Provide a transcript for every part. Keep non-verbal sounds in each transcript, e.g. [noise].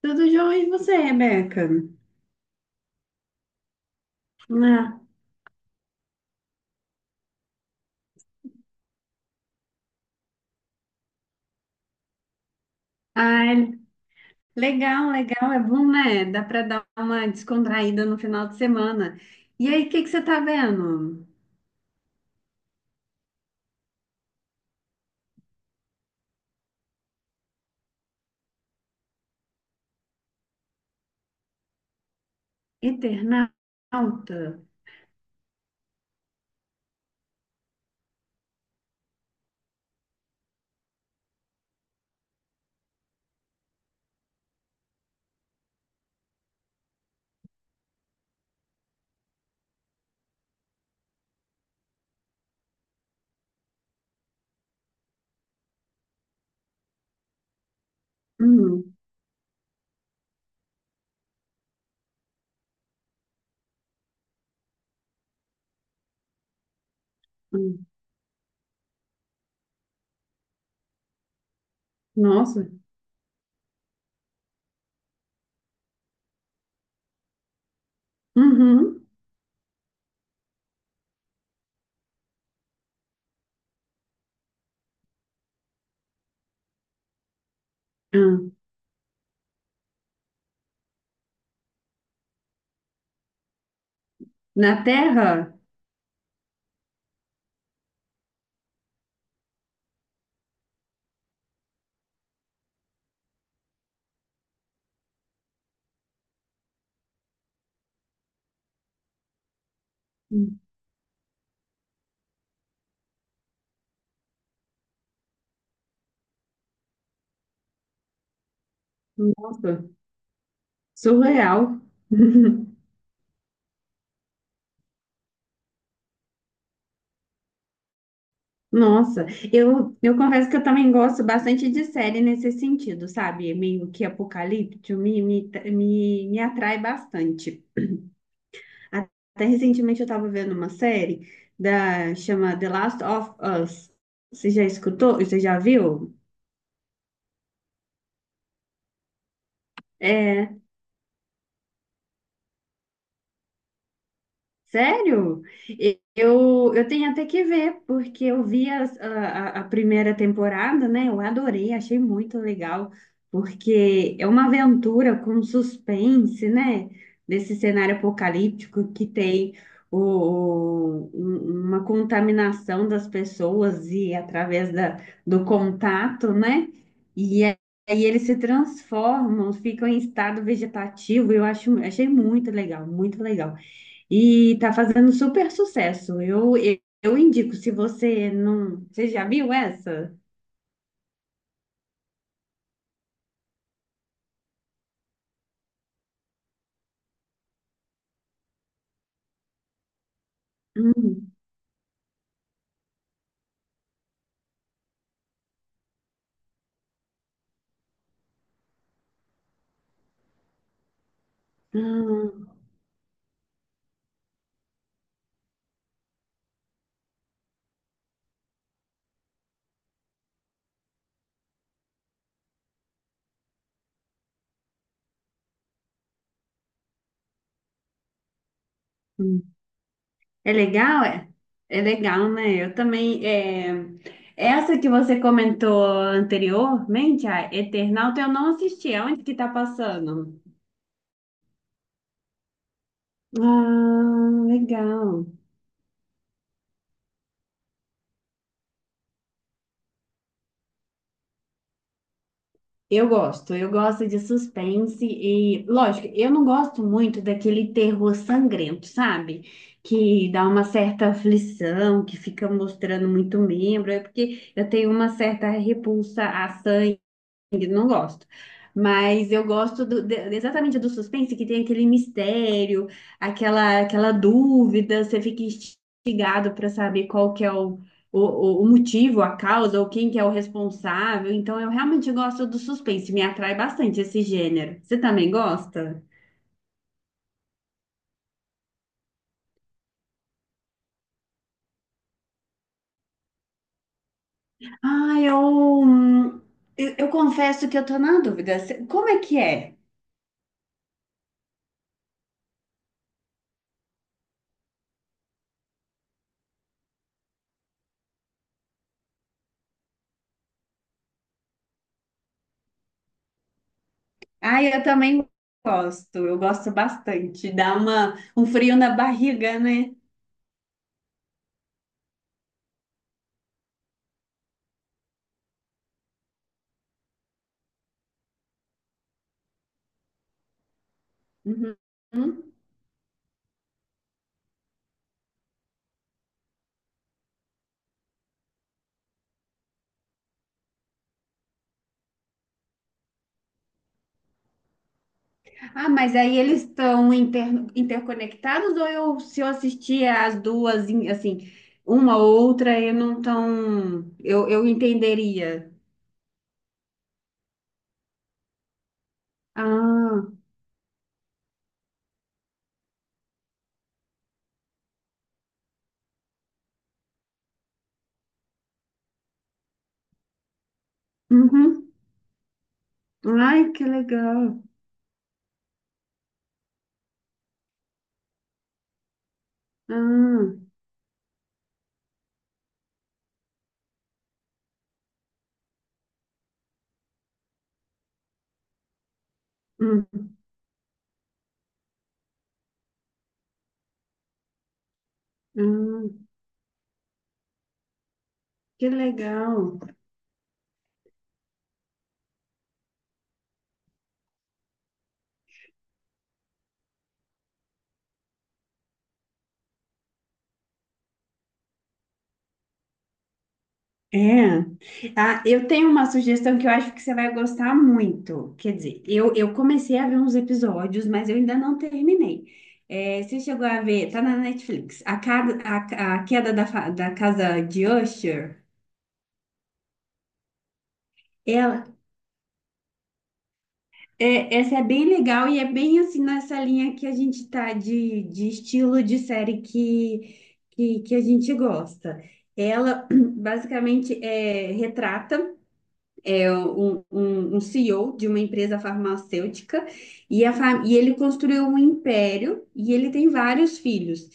Tudo jóia, e você, Rebeca? Ah, ai, legal, legal, é bom, né? Dá para dar uma descontraída no final de semana. E aí, o que que você tá vendo? Eternauta? Hum, hum. Nossa. Uhum. Hum. Na Terra? Hum. Nossa, surreal. [laughs] Nossa, eu confesso que eu também gosto bastante de série nesse sentido, sabe? Meio que apocalíptico, me atrai bastante. Até recentemente eu estava vendo uma série da chama The Last of Us. Você já escutou? Você já viu? É, sério? Eu tenho até que ver, porque eu vi a primeira temporada, né? Eu adorei, achei muito legal, porque é uma aventura com suspense, né? Desse cenário apocalíptico que tem uma contaminação das pessoas e através do contato, né? E a- aí eles se transformam, ficam em estado vegetativo. Achei muito legal, muito legal. E tá fazendo super sucesso. Eu indico, se você não. Você já viu essa? Hum, hum, hum. É legal, é? É legal, né? Eu também. É, Essa que você comentou anteriormente, a Eternauta, eu não assisti. Aonde que tá passando? Ah, legal. Eu gosto de suspense e, lógico, eu não gosto muito daquele terror sangrento, sabe? Que dá uma certa aflição, que fica mostrando muito membro, é porque eu tenho uma certa repulsa a sangue, não gosto. Mas eu gosto exatamente do suspense, que tem aquele mistério, aquela dúvida, você fica instigado para saber qual que é o motivo, a causa, ou quem que é o responsável. Então, eu realmente gosto do suspense, me atrai bastante esse gênero. Você também gosta? Ah, eu, hum, eu confesso que eu tô na dúvida. Cê- Como é que é? Ah, eu também gosto, eu gosto bastante. Dá uma, um frio na barriga, né? Uhum. Ah, mas aí eles estão inter- interconectados ou eu, se eu assistir as duas, em- assim, uma ou outra, eu não tão, eu entenderia. Ah, uhum. Ai, que legal. Ah, hum, hum, que legal. É. Ah, eu tenho uma sugestão que eu acho que você vai gostar muito. Quer dizer, eu comecei a ver uns episódios, mas eu ainda não terminei. É, você chegou a ver, tá na Netflix, A, Cada- a Queda da, Fa- da Casa de Usher. Ela, é, essa é bem legal e é bem assim nessa linha que a gente tá de estilo de série que a gente gosta. Ela [clears throat] basicamente é, retrata. É um, um- um CEO de uma empresa farmacêutica e, a fa- e ele construiu um império e ele tem vários filhos.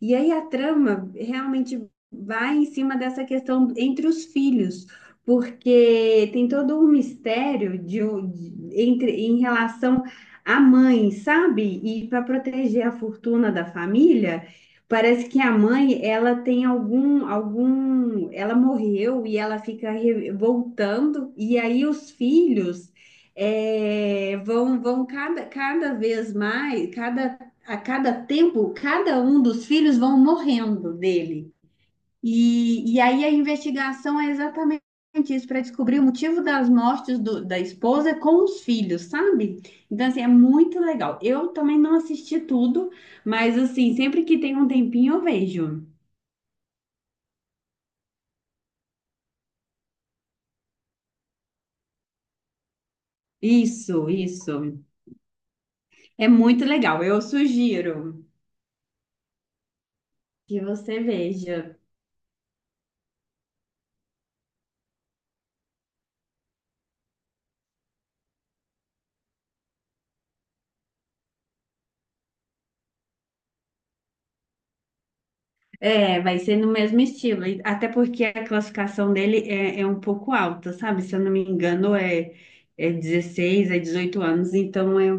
E aí a trama realmente vai em cima dessa questão entre os filhos, porque tem todo um mistério de, um- de- entre, em relação à mãe, sabe? E para proteger a fortuna da família. Parece que a mãe, ela tem algum, ela morreu e ela fica re- voltando, e aí os filhos eh, vão cada, cada vez mais, cada, a cada tempo, cada um dos filhos vão morrendo dele. E aí a investigação é exatamente isso, para descobrir o motivo das mortes do- da esposa com os filhos, sabe? Então, assim, é muito legal. Eu também não assisti tudo, mas, assim, sempre que tem um tempinho eu vejo. Isso, isso. É muito legal. Eu sugiro que você veja. É, vai ser no mesmo estilo. E até porque a classificação dele é, é um pouco alta, sabe? Se eu não me engano, é, é 16, é 18 anos, então é,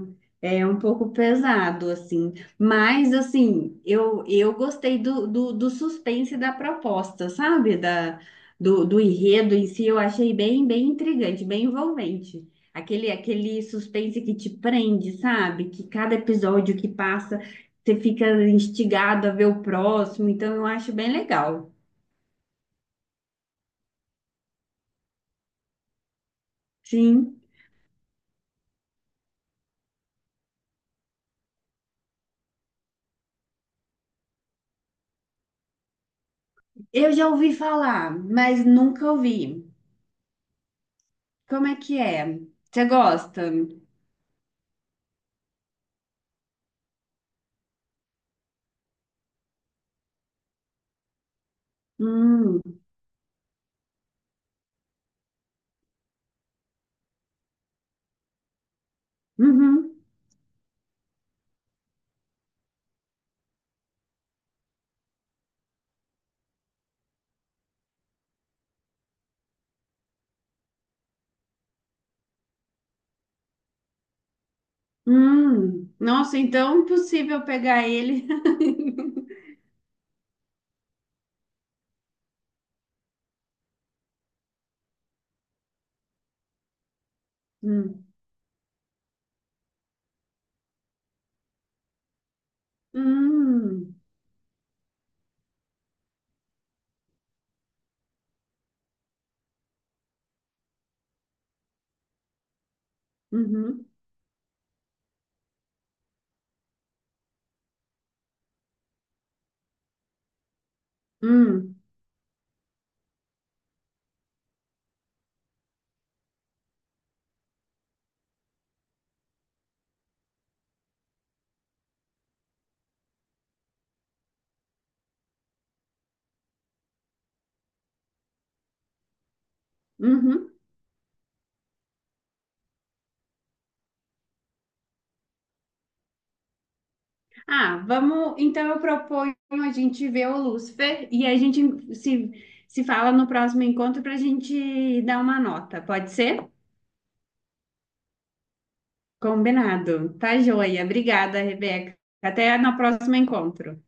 é um pouco pesado, assim. Mas, assim, eu gostei do suspense da proposta, sabe? Da, do enredo em si, eu achei bem, bem intrigante, bem envolvente. Aquele suspense que te prende, sabe? Que cada episódio que passa você fica instigado a ver o próximo, então eu acho bem legal. Sim, eu já ouvi falar, mas nunca ouvi. Como é que é? Você gosta? Hum, uhum, Nossa, então é impossível pegar ele. [laughs] Hum, hum, uhum, hum, uhum. Ah, vamos. Então eu proponho a gente ver o Lúcifer e a gente se fala no próximo encontro para a gente dar uma nota, pode ser? Combinado. Tá joia. Obrigada, Rebeca. Até no próximo encontro.